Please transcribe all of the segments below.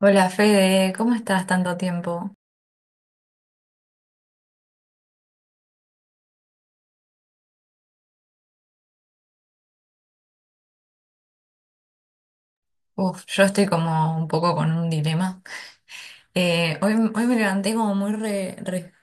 Hola Fede, ¿cómo estás tanto tiempo? Uf, yo estoy como un poco con un dilema. Hoy, hoy me levanté como muy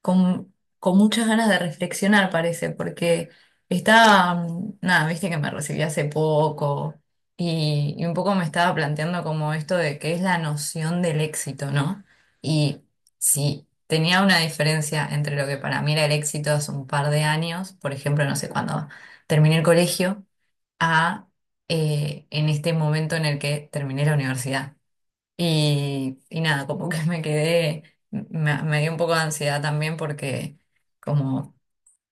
con, con muchas ganas de reflexionar, parece, porque estaba, nada, viste que me recibí hace poco y un poco me estaba planteando como esto de qué es la noción del éxito, ¿no? Y si tenía una diferencia entre lo que para mí era el éxito hace un par de años, por ejemplo, no sé, cuando terminé el colegio a en este momento en el que terminé la universidad. Y nada, como que me quedé, me dio un poco de ansiedad también porque como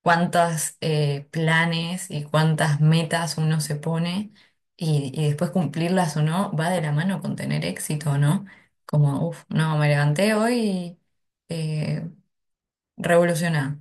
cuántos planes y cuántas metas uno se pone y después cumplirlas o no va de la mano con tener éxito o no. Como, uff, no, me levanté hoy eh, revolucionada.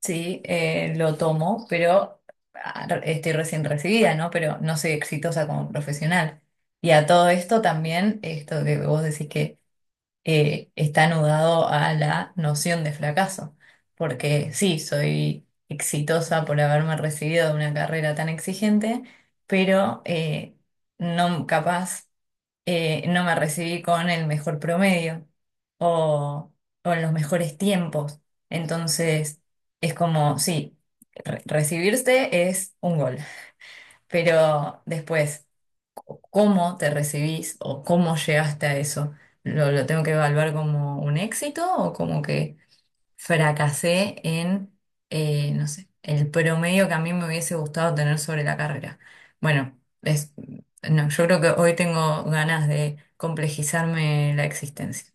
Sí, lo tomo, pero ah, estoy recién recibida, ¿no? Pero no soy exitosa como profesional. Y a todo esto también, esto que vos decís que está anudado a la noción de fracaso, porque sí, soy exitosa por haberme recibido de una carrera tan exigente, pero no capaz no me recibí con el mejor promedio o, o en los mejores tiempos. Entonces, es como, sí, recibirse es un gol, pero después, cómo te recibís o cómo llegaste a eso, lo tengo que evaluar como un éxito o como que fracasé en, no sé, el promedio que a mí me hubiese gustado tener sobre la carrera. Bueno, es, no, yo creo que hoy tengo ganas de complejizarme la existencia.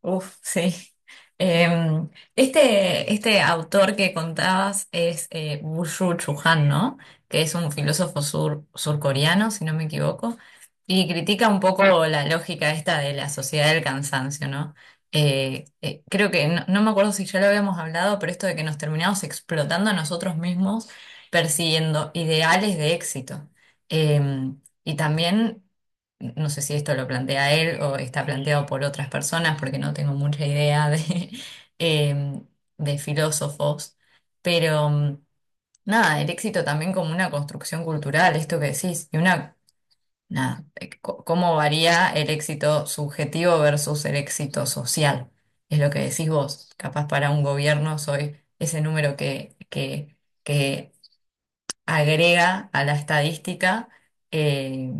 Uf, sí. Em, este autor que contabas es Byung-Chul Han, ¿no? Que es un filósofo surcoreano, si no me equivoco, y critica un poco la lógica esta de la sociedad del cansancio, ¿no? Creo que, no, no me acuerdo si ya lo habíamos hablado, pero esto de que nos terminamos explotando a nosotros mismos persiguiendo ideales de éxito. Y también no sé si esto lo plantea él o está planteado por otras personas, porque no tengo mucha idea de, eh, de filósofos, pero nada, el éxito también como una construcción cultural, esto que decís, y una, nada, cómo varía el éxito subjetivo versus el éxito social, es lo que decís vos, capaz para un gobierno soy ese número que agrega a la estadística. eh,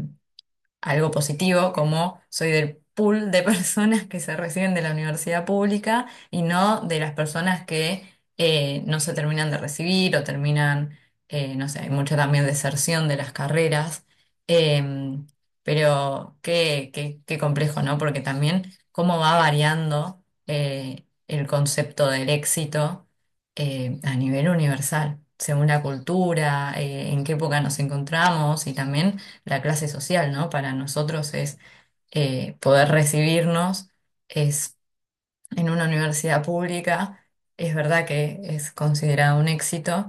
Algo positivo, como soy del pool de personas que se reciben de la universidad pública y no de las personas que no se terminan de recibir o terminan, no sé, hay mucha también deserción de las carreras. Em, pero qué complejo, ¿no? Porque también cómo va variando el concepto del éxito a nivel universal, según la cultura, en qué época nos encontramos y también la clase social, ¿no? Para nosotros es poder recibirnos, es en una universidad pública, es verdad que es considerado un éxito.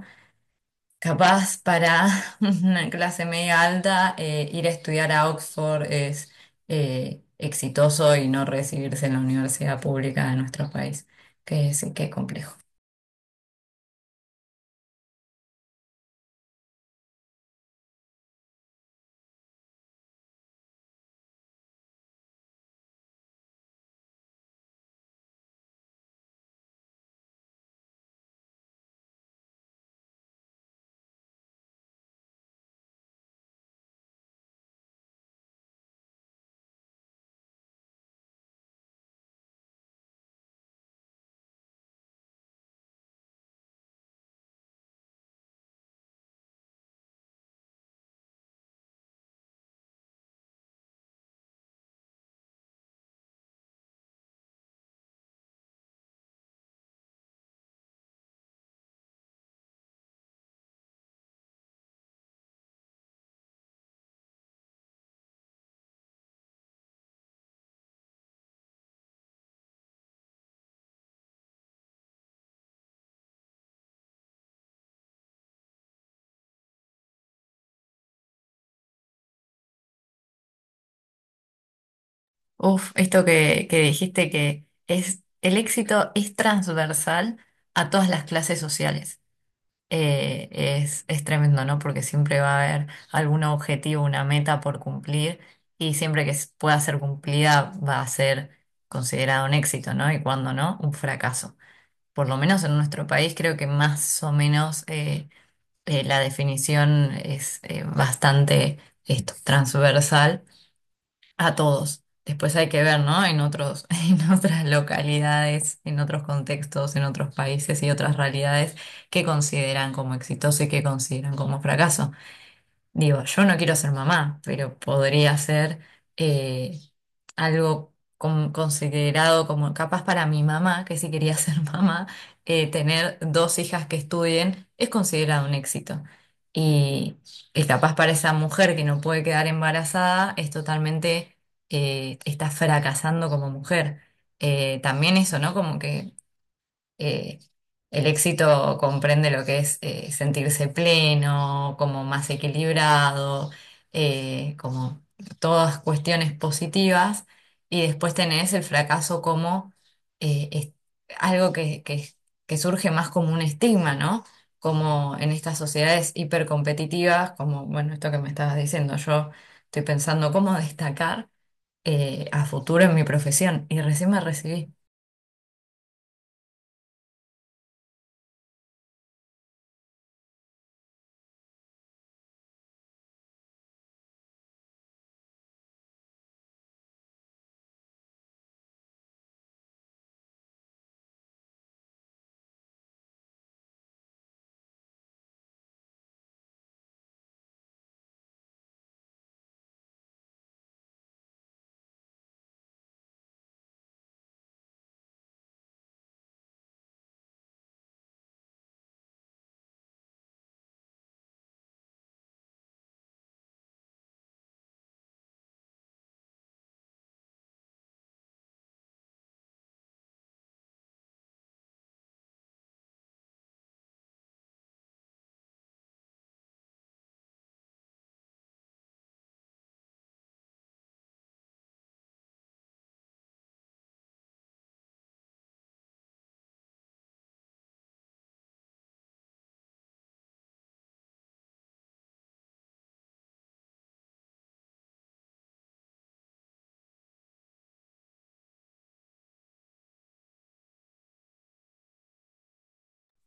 Capaz para una clase media alta, ir a estudiar a Oxford es exitoso y no recibirse en la universidad pública de nuestro país, que sí, qué complejo. Uf, esto que dijiste que es el éxito es transversal a todas las clases sociales. Es tremendo, ¿no? Porque siempre va a haber algún objetivo, una meta por cumplir y siempre que pueda ser cumplida va a ser considerado un éxito, ¿no? Y cuando no, un fracaso. Por lo menos en nuestro país creo que más o menos la definición es bastante esto, transversal a todos. Después hay que ver, ¿no? En otros, en otras localidades, en otros contextos, en otros países y otras realidades que consideran como exitoso y que consideran como fracaso. Digo, yo no quiero ser mamá, pero podría ser eh, algo considerado como capaz para mi mamá, que si quería ser mamá, tener 2 hijas que estudien es considerado un éxito. Y, y capaz para esa mujer que no puede quedar embarazada es totalmente, está fracasando como mujer. También eso, ¿no? Como que eh, el éxito comprende lo que es sentirse pleno, como más equilibrado, como todas cuestiones positivas. Y después tenés el fracaso como eh, es- algo que surge más como un estigma, ¿no? Como en estas sociedades hipercompetitivas, como, bueno, esto que me estabas diciendo, yo estoy pensando cómo destacar a futuro en mi profesión y recién me recibí.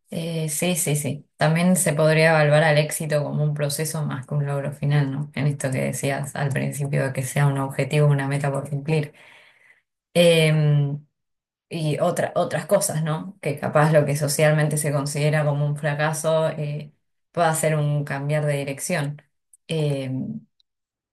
Sí, sí, sí. También se podría evaluar al éxito como un proceso más que un logro final, ¿no? En esto que decías al principio, de que sea un objetivo, una meta por cumplir. Eh, y otras cosas, ¿no? Que capaz lo que socialmente se considera como un fracaso pueda ser un cambiar de dirección. Em,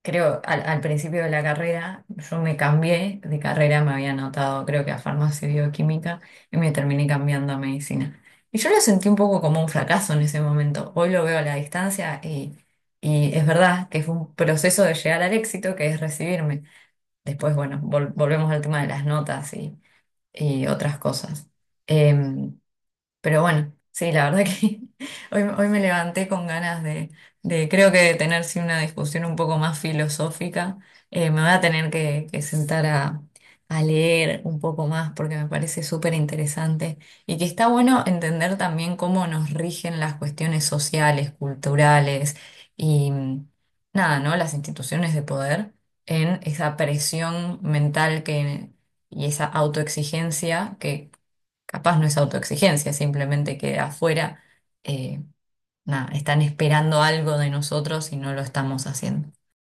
creo, al principio de la carrera, yo me cambié de carrera, me había anotado creo que a farmacia y bioquímica y me terminé cambiando a medicina. Y yo lo sentí un poco como un fracaso en ese momento. Hoy lo veo a la distancia y es verdad que fue un proceso de llegar al éxito que es recibirme. Después, bueno, volvemos al tema de las notas y otras cosas. Em, pero bueno, sí, la verdad que hoy, hoy me levanté con ganas de creo que de tener sí, una discusión un poco más filosófica. Me voy a tener que sentar a leer un poco más porque me parece súper interesante y que está bueno entender también cómo nos rigen las cuestiones sociales, culturales y nada, ¿no? Las instituciones de poder en esa presión mental que, y esa autoexigencia que capaz no es autoexigencia, simplemente que afuera eh, nada, están esperando algo de nosotros y no lo estamos haciendo.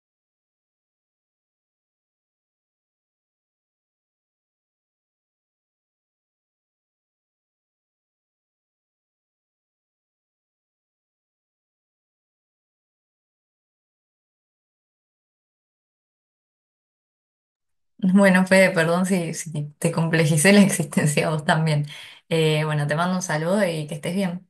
Bueno, Fede, perdón si, si te complejicé la existencia a vos también. Bueno, te mando un saludo y que estés bien.